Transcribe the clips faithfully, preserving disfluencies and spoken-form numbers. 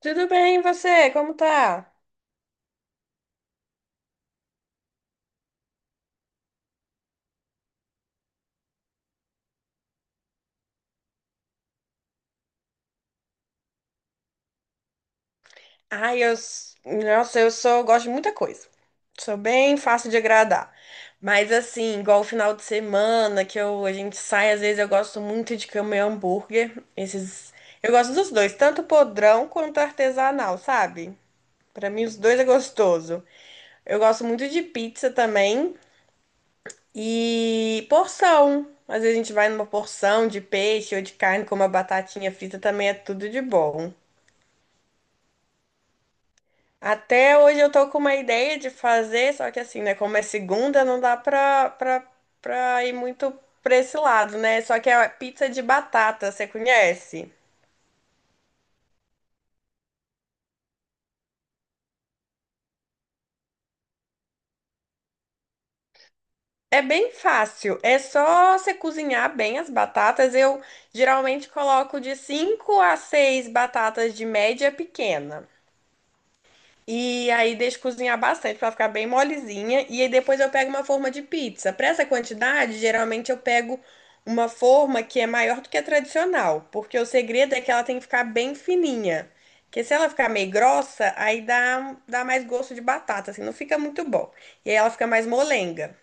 Tudo bem, e você? Como tá? Ai, eu, s- nossa, eu sou, gosto de muita coisa. Sou bem fácil de agradar. Mas assim, igual o final de semana que eu, a gente sai, às vezes eu gosto muito de comer hambúrguer. Esses, eu gosto dos dois, tanto podrão quanto artesanal, sabe? Pra mim os dois é gostoso. Eu gosto muito de pizza também e porção. Às vezes a gente vai numa porção de peixe ou de carne com uma batatinha frita também é tudo de bom. Até hoje eu tô com uma ideia de fazer, só que assim, né? Como é segunda, não dá pra, pra, pra ir muito pra esse lado, né? Só que é a pizza de batata, você conhece? É bem fácil, é só você cozinhar bem as batatas. Eu geralmente coloco de cinco a seis batatas de média pequena. E aí deixo cozinhar bastante para ficar bem molezinha. E aí depois eu pego uma forma de pizza. Para essa quantidade, geralmente eu pego uma forma que é maior do que a tradicional, porque o segredo é que ela tem que ficar bem fininha. Porque se ela ficar meio grossa, aí dá, um, dá mais gosto de batata, assim, não fica muito bom. E aí ela fica mais molenga.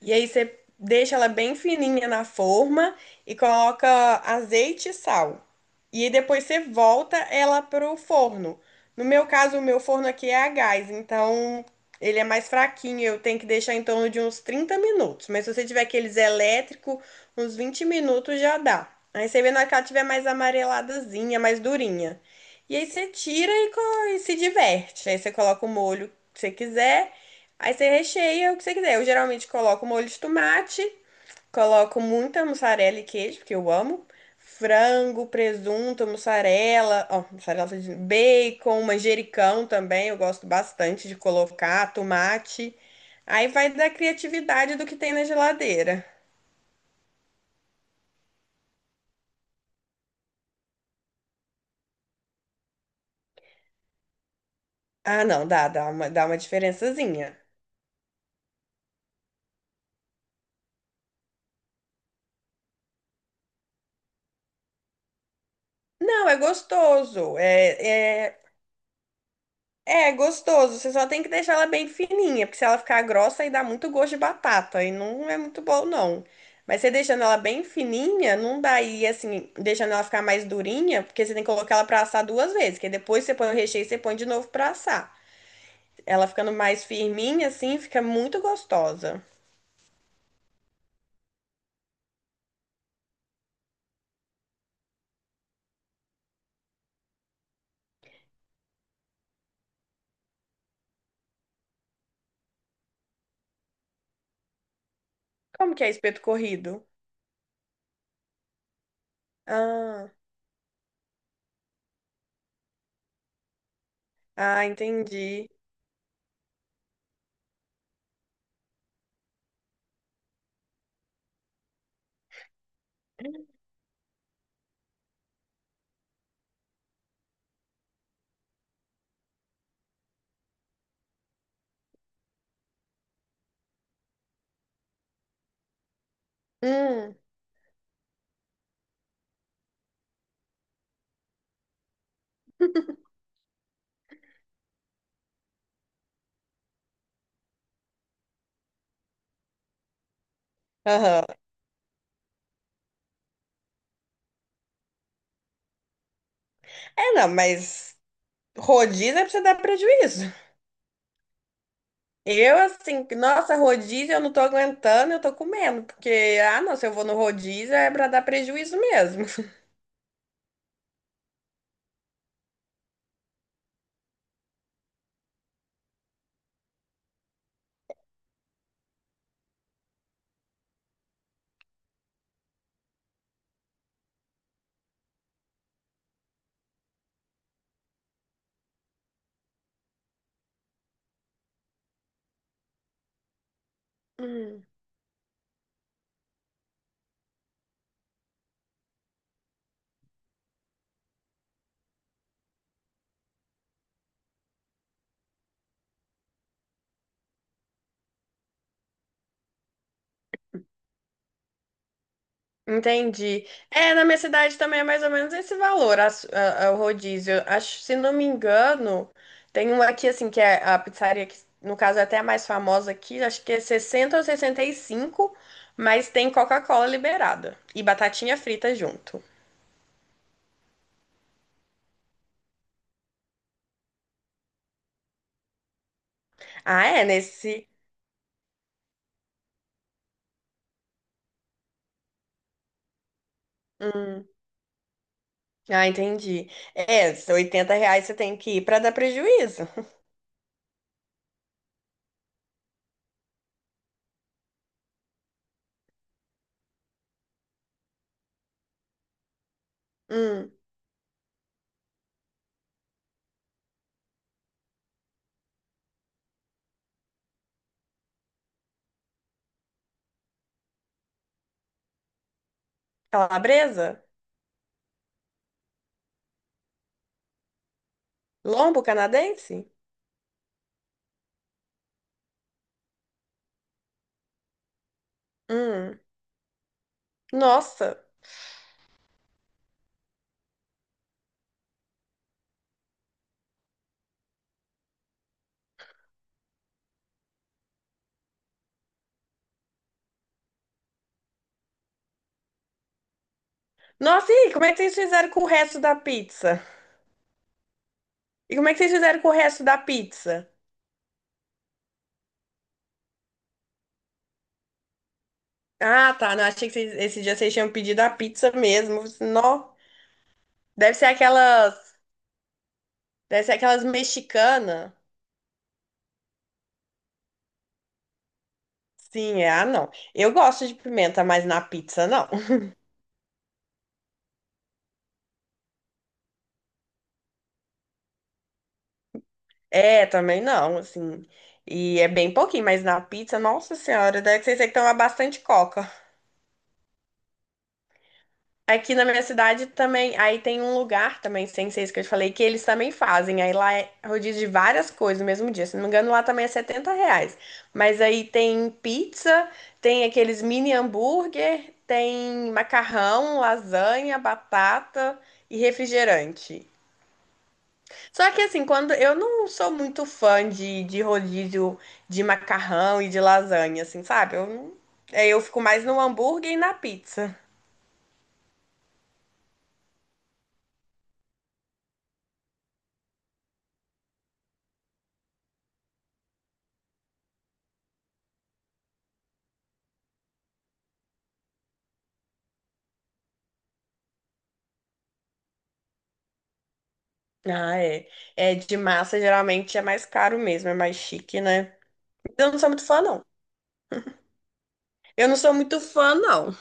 E aí você deixa ela bem fininha na forma e coloca azeite e sal. E aí depois você volta ela pro forno. No meu caso, o meu forno aqui é a gás, então ele é mais fraquinho, eu tenho que deixar em torno de uns trinta minutos. Mas se você tiver aqueles elétrico, uns vinte minutos já dá. Aí você vê na hora que ela tiver mais amareladazinha, mais durinha. E aí você tira e, co- e se diverte. Aí você coloca o molho que você quiser. Aí você recheia o que você quiser. Eu geralmente coloco molho de tomate, coloco muita mussarela e queijo, porque eu amo. Frango, presunto, mussarela, ó, mussarela, tô dizendo, bacon, manjericão também, eu gosto bastante de colocar, tomate. Aí vai da criatividade do que tem na geladeira. Ah, não, dá, dá uma, dá uma diferençazinha. Não, é gostoso. É, é É gostoso, você só tem que deixar ela bem fininha, porque se ela ficar grossa aí dá muito gosto de batata e não é muito bom não. Mas você deixando ela bem fininha, não dá aí assim, deixando ela ficar mais durinha, porque você tem que colocar ela pra assar duas vezes, que aí depois você põe o recheio e você põe de novo pra assar. Ela ficando mais firminha assim, fica muito gostosa. Como que é espeto corrido? Ah, ah, entendi. Hum. Aham. É, não, mas rodízio é pra você dar prejuízo. Eu, assim, nossa, rodízio eu não tô aguentando, eu tô comendo, porque, ah, não, se eu vou no rodízio é pra dar prejuízo mesmo. Hum, entendi. É, na minha cidade também é mais ou menos esse valor, as- a- a- o rodízio. Acho, se não me engano, tem um aqui, assim, que é a pizzaria, que no caso é até a mais famosa aqui, acho que é sessenta ou sessenta e cinco, mas tem Coca-Cola liberada e batatinha frita junto. Ah, é, nesse. Hum. Ah, entendi. É, se oitenta reais você tem que ir pra dar prejuízo. Hum. Calabresa? Lombo canadense? Hum. Nossa. Nossa, e aí, como é que vocês fizeram com o resto da pizza? E como é que vocês fizeram com o resto da pizza? Ah, tá. Não, achei que vocês- esse dia vocês tinham pedido a pizza mesmo. Não. Deve ser aquelas. Deve ser aquelas mexicanas. Sim, é. Ah, não. Eu gosto de pimenta, mas na pizza não. É, também não, assim. E é bem pouquinho, mas na pizza, nossa senhora, deve ser que toma bastante coca. Aqui na minha cidade também, aí tem um lugar também, sem ser isso que eu te falei, que eles também fazem. Aí lá é rodízio de várias coisas no mesmo dia. Se não me engano, lá também é setenta reais. Mas aí tem pizza, tem aqueles mini hambúrguer, tem macarrão, lasanha, batata e refrigerante. Só que assim, quando eu não sou muito fã de, de rodízio de macarrão e de lasanha, assim, sabe? Eu, não- É, eu fico mais no hambúrguer e na pizza. Ah, é. É, de massa geralmente é mais caro mesmo, é mais chique, né? Eu não sou muito fã, não. Eu não sou muito fã, não.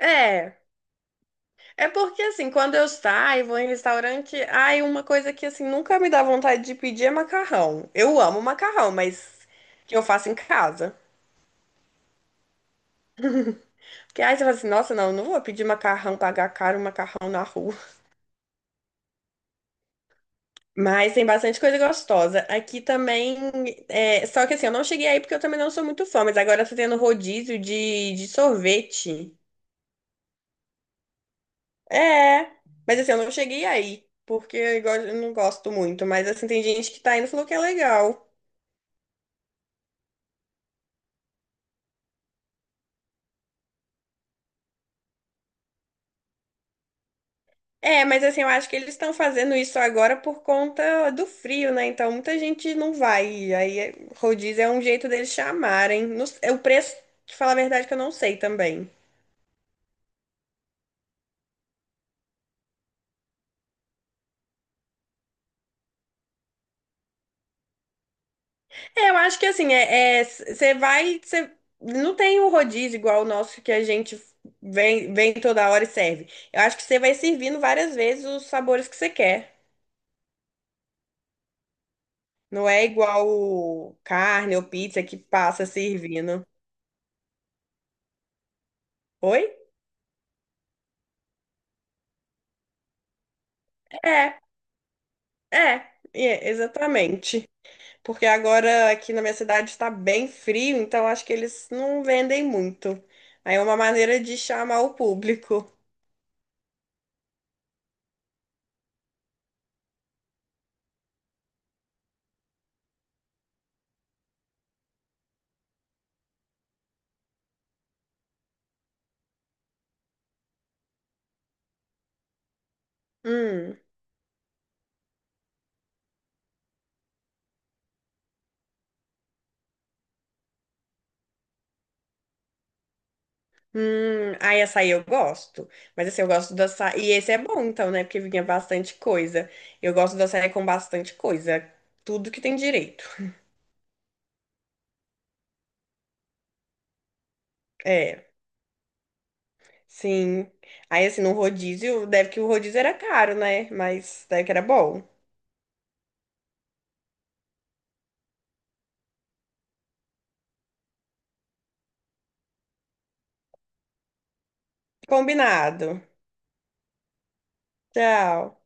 É. É porque assim, quando eu saio, vou em restaurante, ai, uma coisa que assim nunca me dá vontade de pedir é macarrão. Eu amo macarrão, mas que eu faço em casa. Que aí você fala assim, nossa, não, não vou pedir macarrão, pagar caro um macarrão na rua. Mas tem bastante coisa gostosa. Aqui também, é, só que assim, eu não cheguei aí porque eu também não sou muito fã, mas agora tá tendo rodízio de, de sorvete. É, mas assim, eu não cheguei aí, porque eu, go- eu não gosto muito. Mas assim, tem gente que tá indo e falou que é legal. É, mas assim, eu acho que eles estão fazendo isso agora por conta do frio, né? Então muita gente não vai. E aí é- rodízio é um jeito deles chamarem. Não s- É o preço, te falar a verdade, que eu não sei também. É, eu acho que assim, é, você vai. Cê, não tem o rodízio igual o nosso que a gente vem, vem toda hora e serve. Eu acho que você vai servindo várias vezes os sabores que você quer. Não é igual o carne ou pizza que passa servindo. Oi? É, é, é, exatamente. Porque agora aqui na minha cidade está bem frio, então acho que eles não vendem muito. Aí é uma maneira de chamar o público. Hum, hum. Aí açaí eu gosto. Mas assim, eu gosto do açaí. E esse é bom, então, né? Porque vinha bastante coisa. Eu gosto do açaí com bastante coisa. Tudo que tem direito. É, sim. Aí assim, no rodízio, deve que o rodízio era caro, né? Mas deve que era bom. Combinado. Tchau.